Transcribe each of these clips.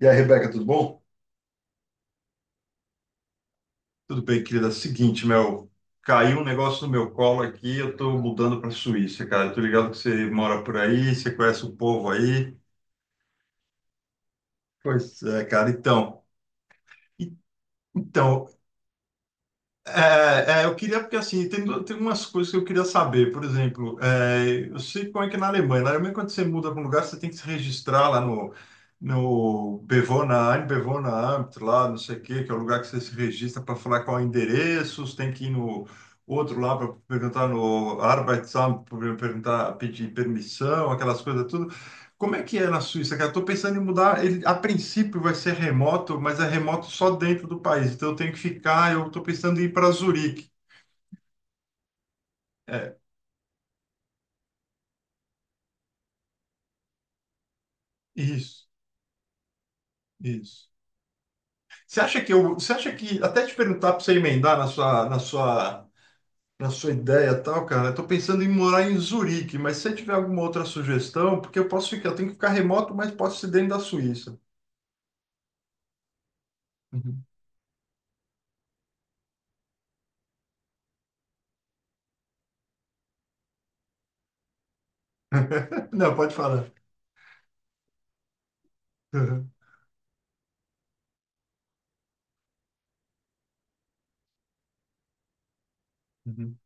E aí, Rebeca, tudo bom? Tudo bem, querida. Seguinte, meu, caiu um negócio no meu colo aqui, eu tô mudando para Suíça, cara. Eu tô ligado que você mora por aí, você conhece o povo aí. Pois é, cara. E- então, eu queria, porque assim, tem, tem umas coisas que eu queria saber. Por exemplo, é, eu sei como é que é na Alemanha, quando você muda para um lugar, você tem que se registrar lá no, no Bewohnerin, Bewohneramt, lá, não sei o quê, que é o lugar que você se registra para falar qual é o endereço, você tem que ir no outro lá para perguntar no Arbeitsamt, para perguntar, pedir permissão, aquelas coisas tudo. Como é que é na Suíça, cara? Eu tô pensando em mudar. Ele, a princípio vai ser remoto, mas é remoto só dentro do país. Então eu tenho que ficar. Eu tô pensando em ir para Zurique. É, isso, isso. Você acha que até te perguntar para você emendar na sua ideia e tal, cara? Eu tô pensando em morar em Zurique, mas se você tiver alguma outra sugestão, porque eu posso ficar, eu tenho que ficar remoto, mas posso ser dentro da Suíça. Uhum. Não, pode falar. Uhum. Uhum.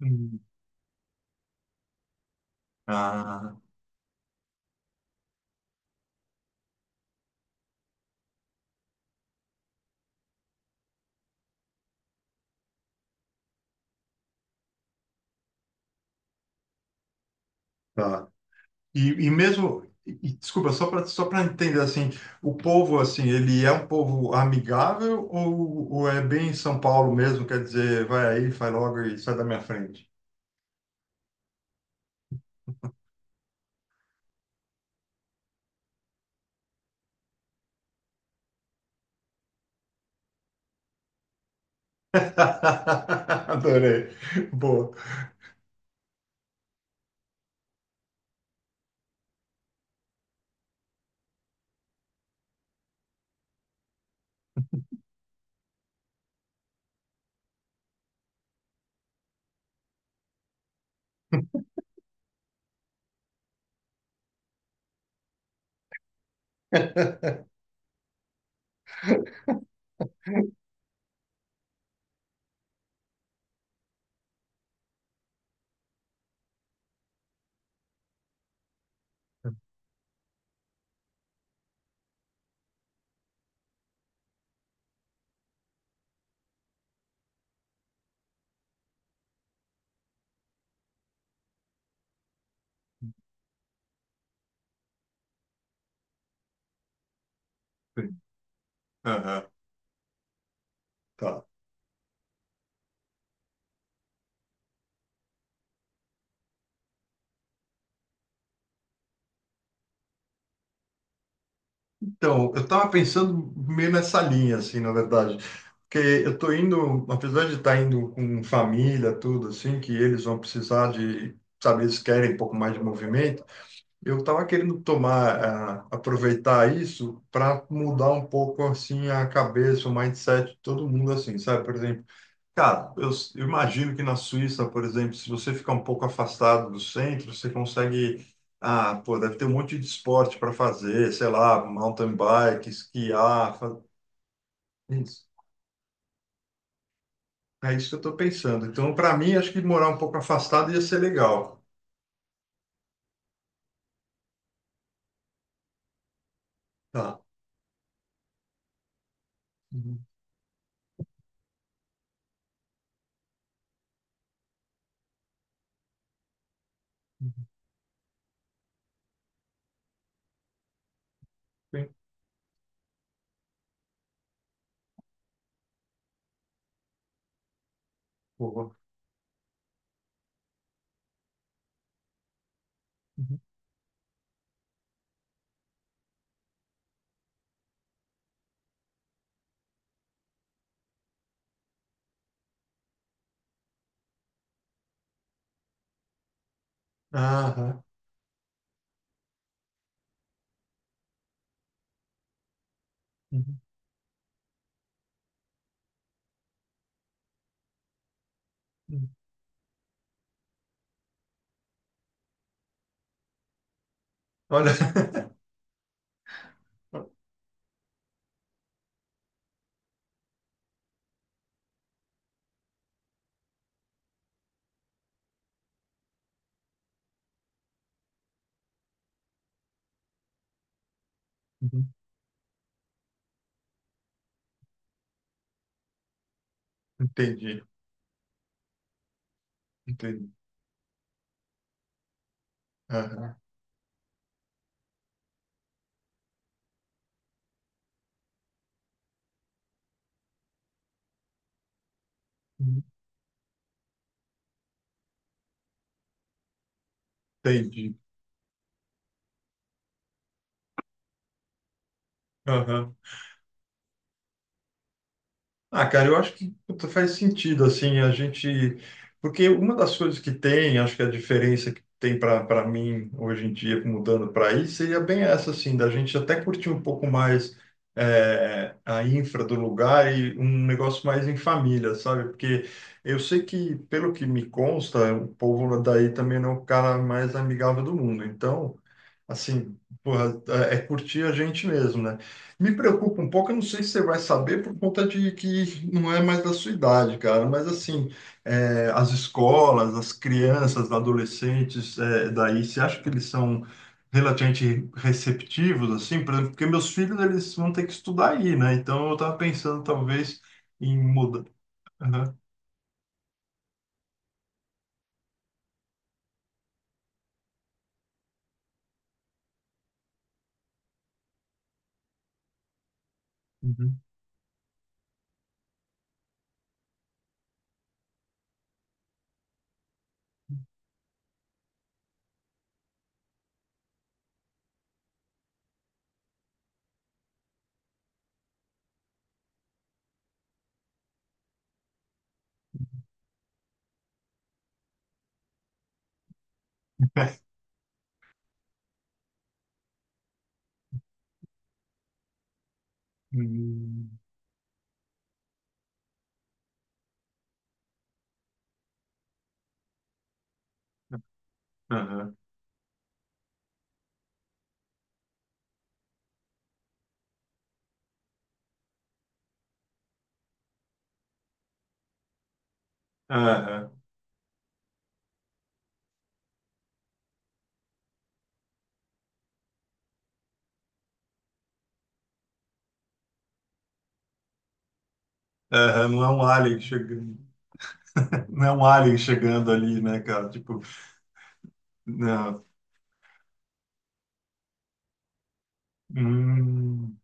Uhum. Ah, tá. Desculpa, só para entender assim, o povo assim, ele é um povo amigável ou é bem São Paulo mesmo, quer dizer, vai aí, faz logo e sai da minha frente. Adorei. Boa. Sim. Aham, tá. Então, eu estava pensando meio nessa linha, assim, na verdade. Porque eu estou indo, apesar de estar indo com família, tudo assim, que eles vão precisar de, sabe, eles querem um pouco mais de movimento. Eu estava querendo tomar, ah, aproveitar isso para mudar um pouco assim a cabeça, o mindset de todo mundo assim, sabe? Por exemplo, cara, eu imagino que na Suíça, por exemplo, se você ficar um pouco afastado do centro, você consegue, ah, pô, deve ter um monte de esporte para fazer, sei lá, mountain bike, esquiar, isso. É isso que eu estou pensando. Então, para mim, acho que morar um pouco afastado ia ser legal. Tá. Uhum. Bem, boa. Uhum. Aham. Uhum. Uhum. Olha. Entendi, entendi. Aham, entendi. Aham. Ah, cara, eu acho que puta, faz sentido, assim, a gente... Porque uma das coisas que tem, acho que a diferença que tem para mim hoje em dia, mudando para aí, seria bem essa, assim, da gente até curtir um pouco mais é, a infra do lugar e um negócio mais em família, sabe? Porque eu sei que, pelo que me consta, o povo daí também não é o cara mais amigável do mundo. Então, assim, porra, é é curtir a gente mesmo, né? Me preocupa um pouco, eu não sei se você vai saber por conta de que não é mais da sua idade, cara, mas assim, é, as escolas, as crianças, adolescentes, é, daí, você acha que eles são relativamente receptivos, assim, por exemplo, porque meus filhos, eles vão ter que estudar aí, né? Então, eu estava pensando, talvez, em mudar. Aham, uhum. Hum, Aham, aham, aham, não é um alien chegando, não é um alien chegando ali, né, cara? Tipo, não. Hum.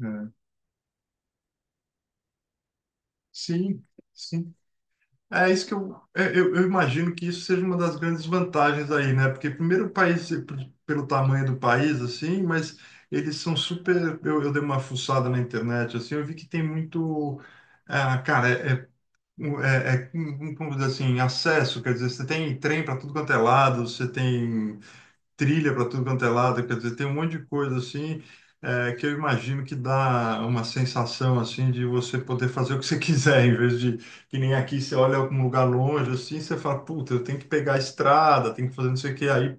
É, sim, sim. É isso que eu imagino que isso seja uma das grandes vantagens aí, né? Porque primeiro o país, pelo tamanho do país, assim, mas eles são super. Eu dei uma fuçada na internet, assim, eu vi que tem muito. Ah, cara, é como dizer assim, acesso, quer dizer, você tem trem para tudo quanto é lado, você tem trilha para tudo quanto é lado, quer dizer, tem um monte de coisa assim, é, que eu imagino que dá uma sensação assim de você poder fazer o que você quiser, em vez de que nem aqui você olha algum lugar longe assim, você fala, puta, eu tenho que pegar a estrada, tenho que fazer não sei o que, aí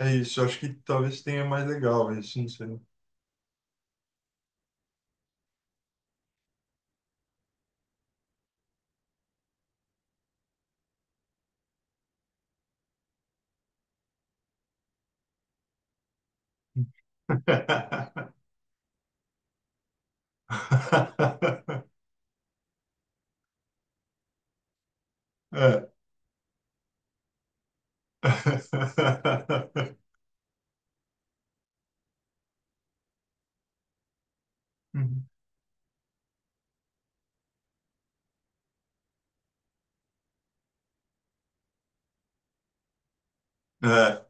é, é isso, eu acho que talvez tenha mais legal isso, não sei. É. Uhum. É,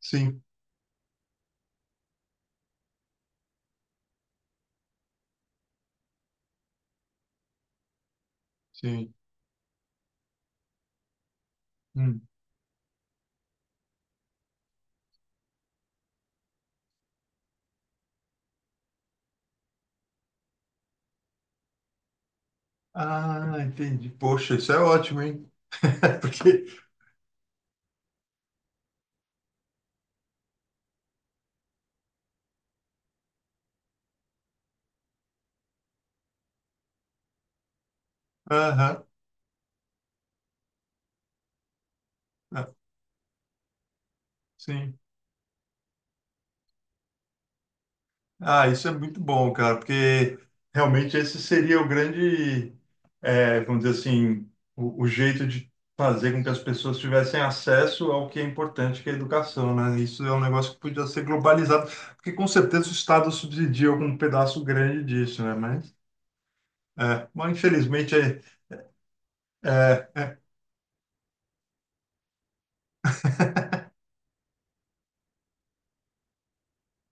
sim, sim. Hum. Ah, entendi. Poxa, isso é ótimo, hein? Porque aham, ah, sim. Ah, isso é muito bom, cara, porque realmente esse seria o grande, eh, vamos dizer assim, o jeito de fazer com que as pessoas tivessem acesso ao que é importante, que é a educação, né? Isso é um negócio que podia ser globalizado, porque com certeza o Estado subsidia algum pedaço grande disso, né? Mas, é, mas infelizmente, é, é,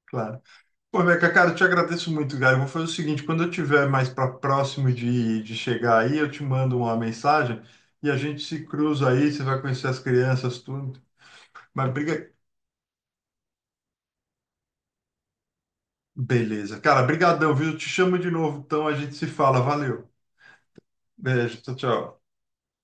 claro. Pô, Beca, cara, eu te agradeço muito, cara. Eu vou fazer o seguinte, quando eu tiver mais para próximo de chegar aí, eu te mando uma mensagem e a gente se cruza aí, você vai conhecer as crianças, tudo. Mas briga... Beleza. Cara, brigadão, viu? Eu te chamo de novo, então a gente se fala. Valeu. Beijo, tchau, tchau.